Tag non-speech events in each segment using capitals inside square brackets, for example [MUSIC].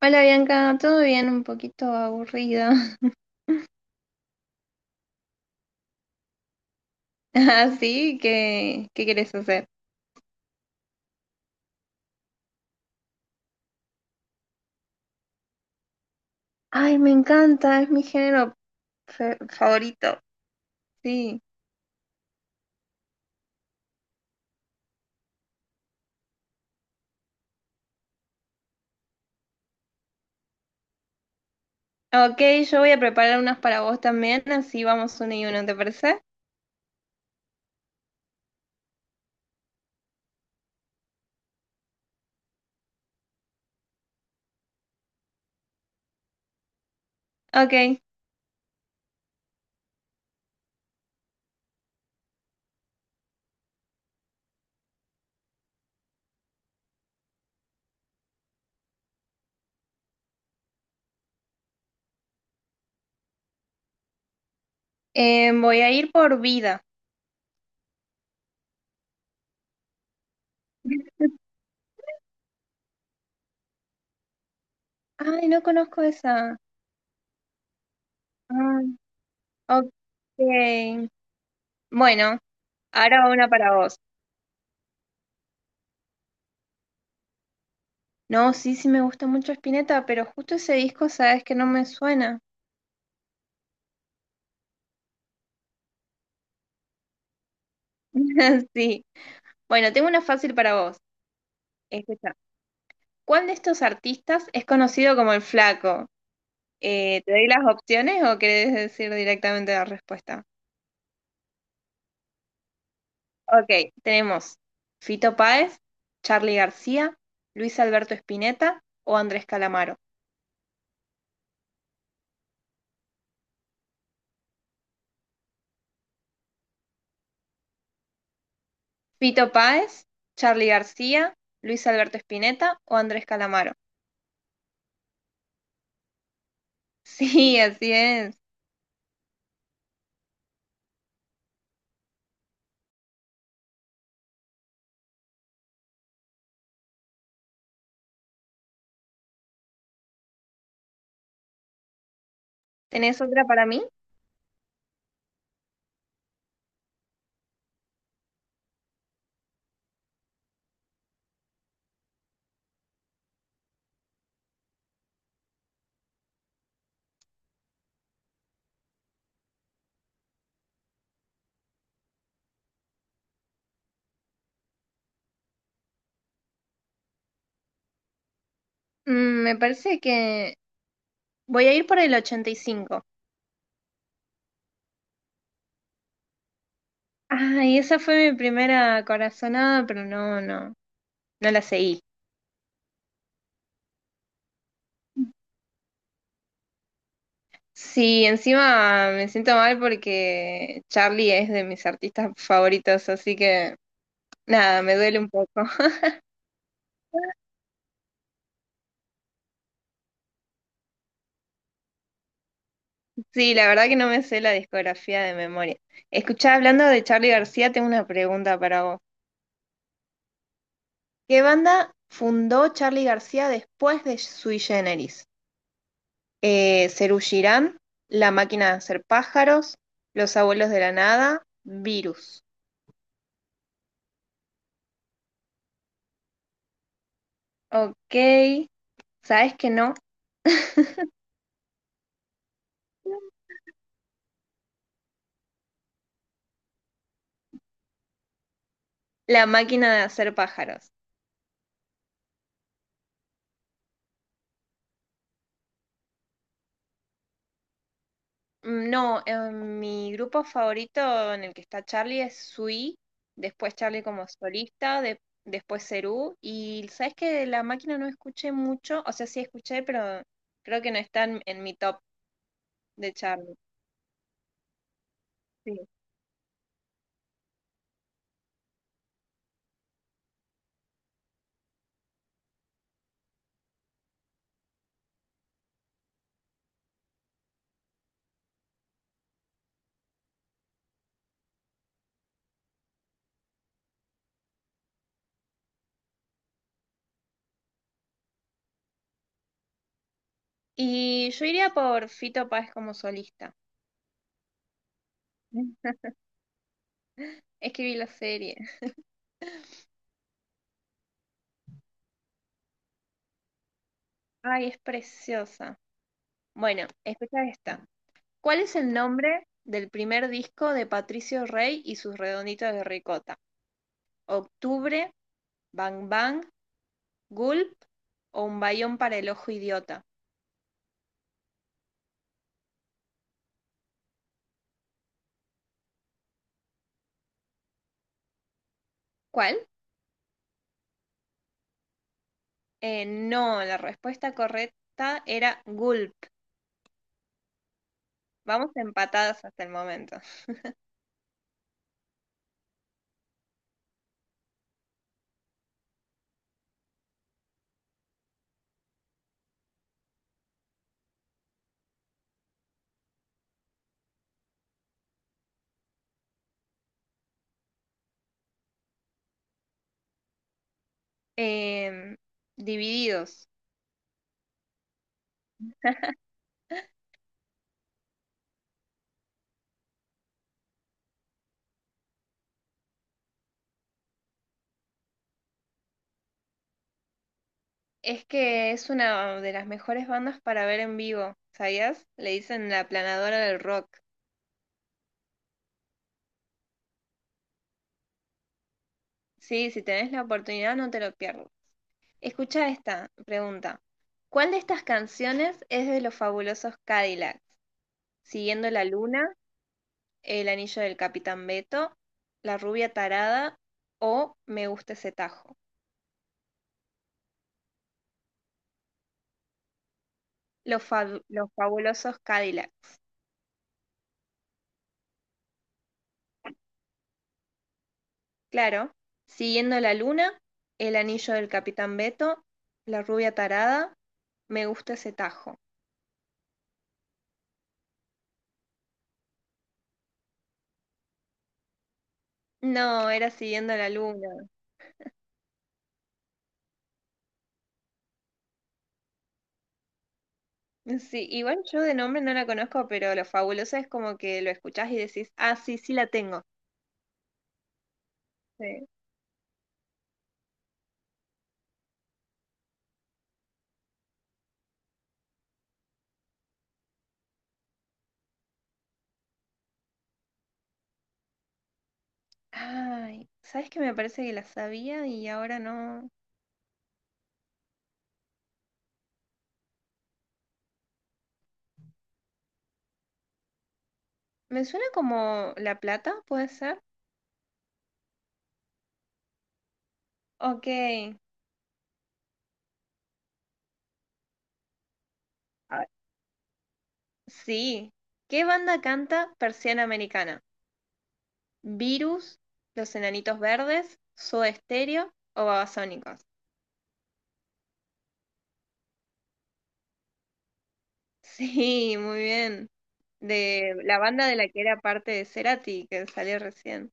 Hola Bianca, todo bien, un poquito aburrida. [LAUGHS] Así que, ¿qué quieres hacer? Ay, me encanta, es mi género favorito. Sí. Ok, yo voy a preparar unas para vos también, así vamos uno y uno, ¿te parece? Ok, voy a ir por vida. [LAUGHS] Ay, no conozco esa. Ah, ok. Bueno, ahora una para vos. No, sí, sí me gusta mucho Spinetta, pero justo ese disco, sabes que no me suena. [LAUGHS] Sí. Bueno, tengo una fácil para vos. Escucha, ¿cuál de estos artistas es conocido como el Flaco? ¿Te doy las opciones o querés decir directamente la respuesta? Ok, tenemos Fito Páez, Charly García, Luis Alberto Spinetta o Andrés Calamaro. Fito Páez, Charly García, Luis Alberto Spinetta o Andrés Calamaro. [LAUGHS] Sí, así es. ¿Tenés otra para mí? Mm, me parece que voy a ir por el 85. Ay, esa fue mi primera corazonada, pero no, no, no la seguí. Sí, encima me siento mal porque Charlie es de mis artistas favoritos, así que nada, me duele un poco. [LAUGHS] Sí, la verdad que no me sé la discografía de memoria. Escuchá, hablando de Charlie García, tengo una pregunta para vos. ¿Qué banda fundó Charlie García después de Sui Generis? Serú Girán, La Máquina de Hacer Pájaros, Los Abuelos de la Nada, Virus. Ok, ¿sabes que no? [LAUGHS] La máquina de hacer pájaros. Mm, no, mi grupo favorito en el que está Charlie es Sui, después Charlie como solista, después Cerú, y ¿sabes que la máquina no escuché mucho? O sea, sí escuché, pero creo que no está en mi top de Charlie. Sí. Y yo iría por Fito Páez como solista. [LAUGHS] Es que vi la serie. Ay, es preciosa. Bueno, escucha esta. ¿Cuál es el nombre del primer disco de Patricio Rey y sus redonditos de ricota? ¿Octubre, Bang Bang, Gulp o Un bayón para el ojo idiota? ¿Cuál? No, la respuesta correcta era Gulp. Vamos empatadas hasta el momento. Em, divididos. Es que es una de las mejores bandas para ver en vivo, ¿sabías? Le dicen la planadora del rock. Sí, si tenés la oportunidad no te lo pierdas. Escucha esta pregunta. ¿Cuál de estas canciones es de los fabulosos Cadillacs? Siguiendo la luna, El anillo del Capitán Beto, La rubia tarada o Me gusta ese tajo. Los fabulosos Cadillacs. Claro. Siguiendo la luna, El anillo del Capitán Beto, La rubia tarada, Me gusta ese tajo. No, era siguiendo la luna. Sí, igual yo de nombre no la conozco, pero lo fabuloso es como que lo escuchás y decís, ah, sí, sí la tengo. Sí. Ay, ¿sabes qué? Me parece que la sabía y ahora no. Me suena como La Plata, ¿puede ser? Ok. Ah, sí. ¿Qué banda canta Persiana Americana? ¿Virus? ¿Los Enanitos Verdes? ¿Soda Stereo o Babasónicos? [LAUGHS] Sí, muy bien. De la banda de la que era parte de Cerati, que salió recién.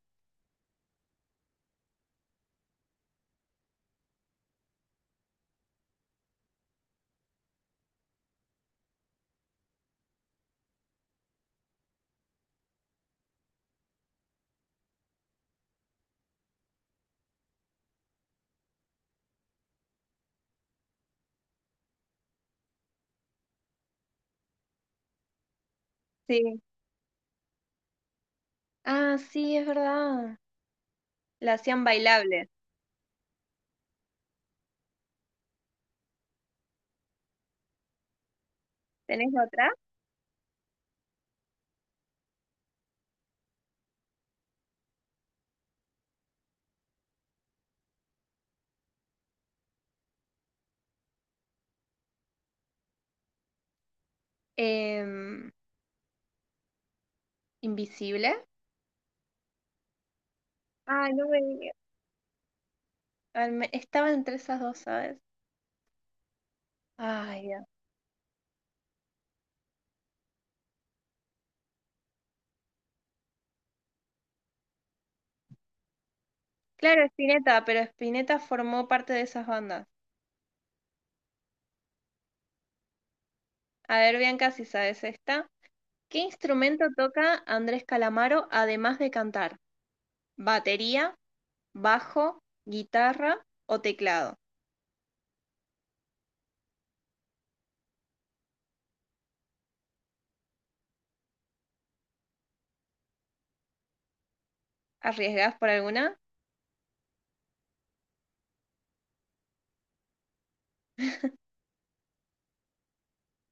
Sí. Ah, sí, es verdad. La hacían bailable. ¿Tenés otra? Em, invisible. Ay, no me digas. Ay, estaba entre esas dos, ¿sabes? Ay, Dios. Claro, Spinetta, pero Spinetta formó parte de esas bandas. A ver, Bianca, si sabes esta. ¿Qué instrumento toca Andrés Calamaro además de cantar? ¿Batería, bajo, guitarra o teclado? ¿Arriesgás por alguna?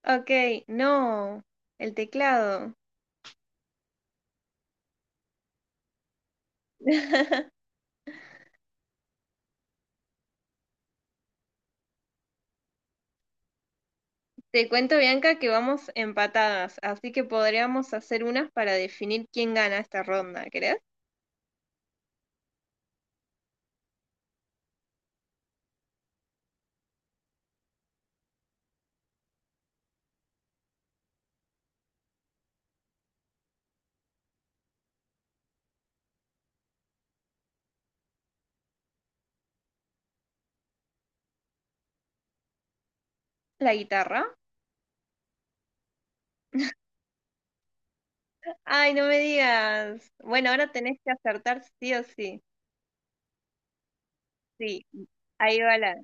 Ok, no, el teclado. [LAUGHS] Te cuento, Bianca, que vamos empatadas, así que podríamos hacer unas para definir quién gana esta ronda. ¿Querés? ¿La guitarra? Ay, no me digas. Bueno, ahora tenés que acertar sí o sí. Sí, ahí va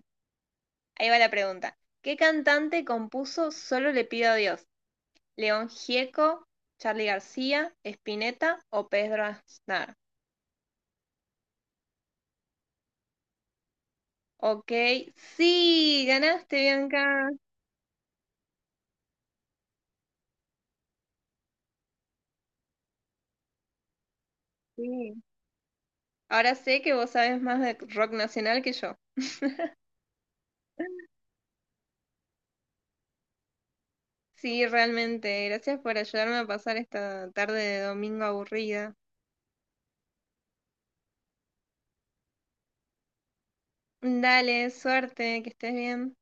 ahí va la pregunta. ¿Qué cantante compuso Solo le pido a Dios? ¿León Gieco, Charly García, Spinetta o Pedro Aznar? Ok, sí, ganaste, Bianca. Sí. Ahora sé que vos sabes más de rock nacional que yo. Sí, realmente. Gracias por ayudarme a pasar esta tarde de domingo aburrida. Dale, suerte, que estés bien.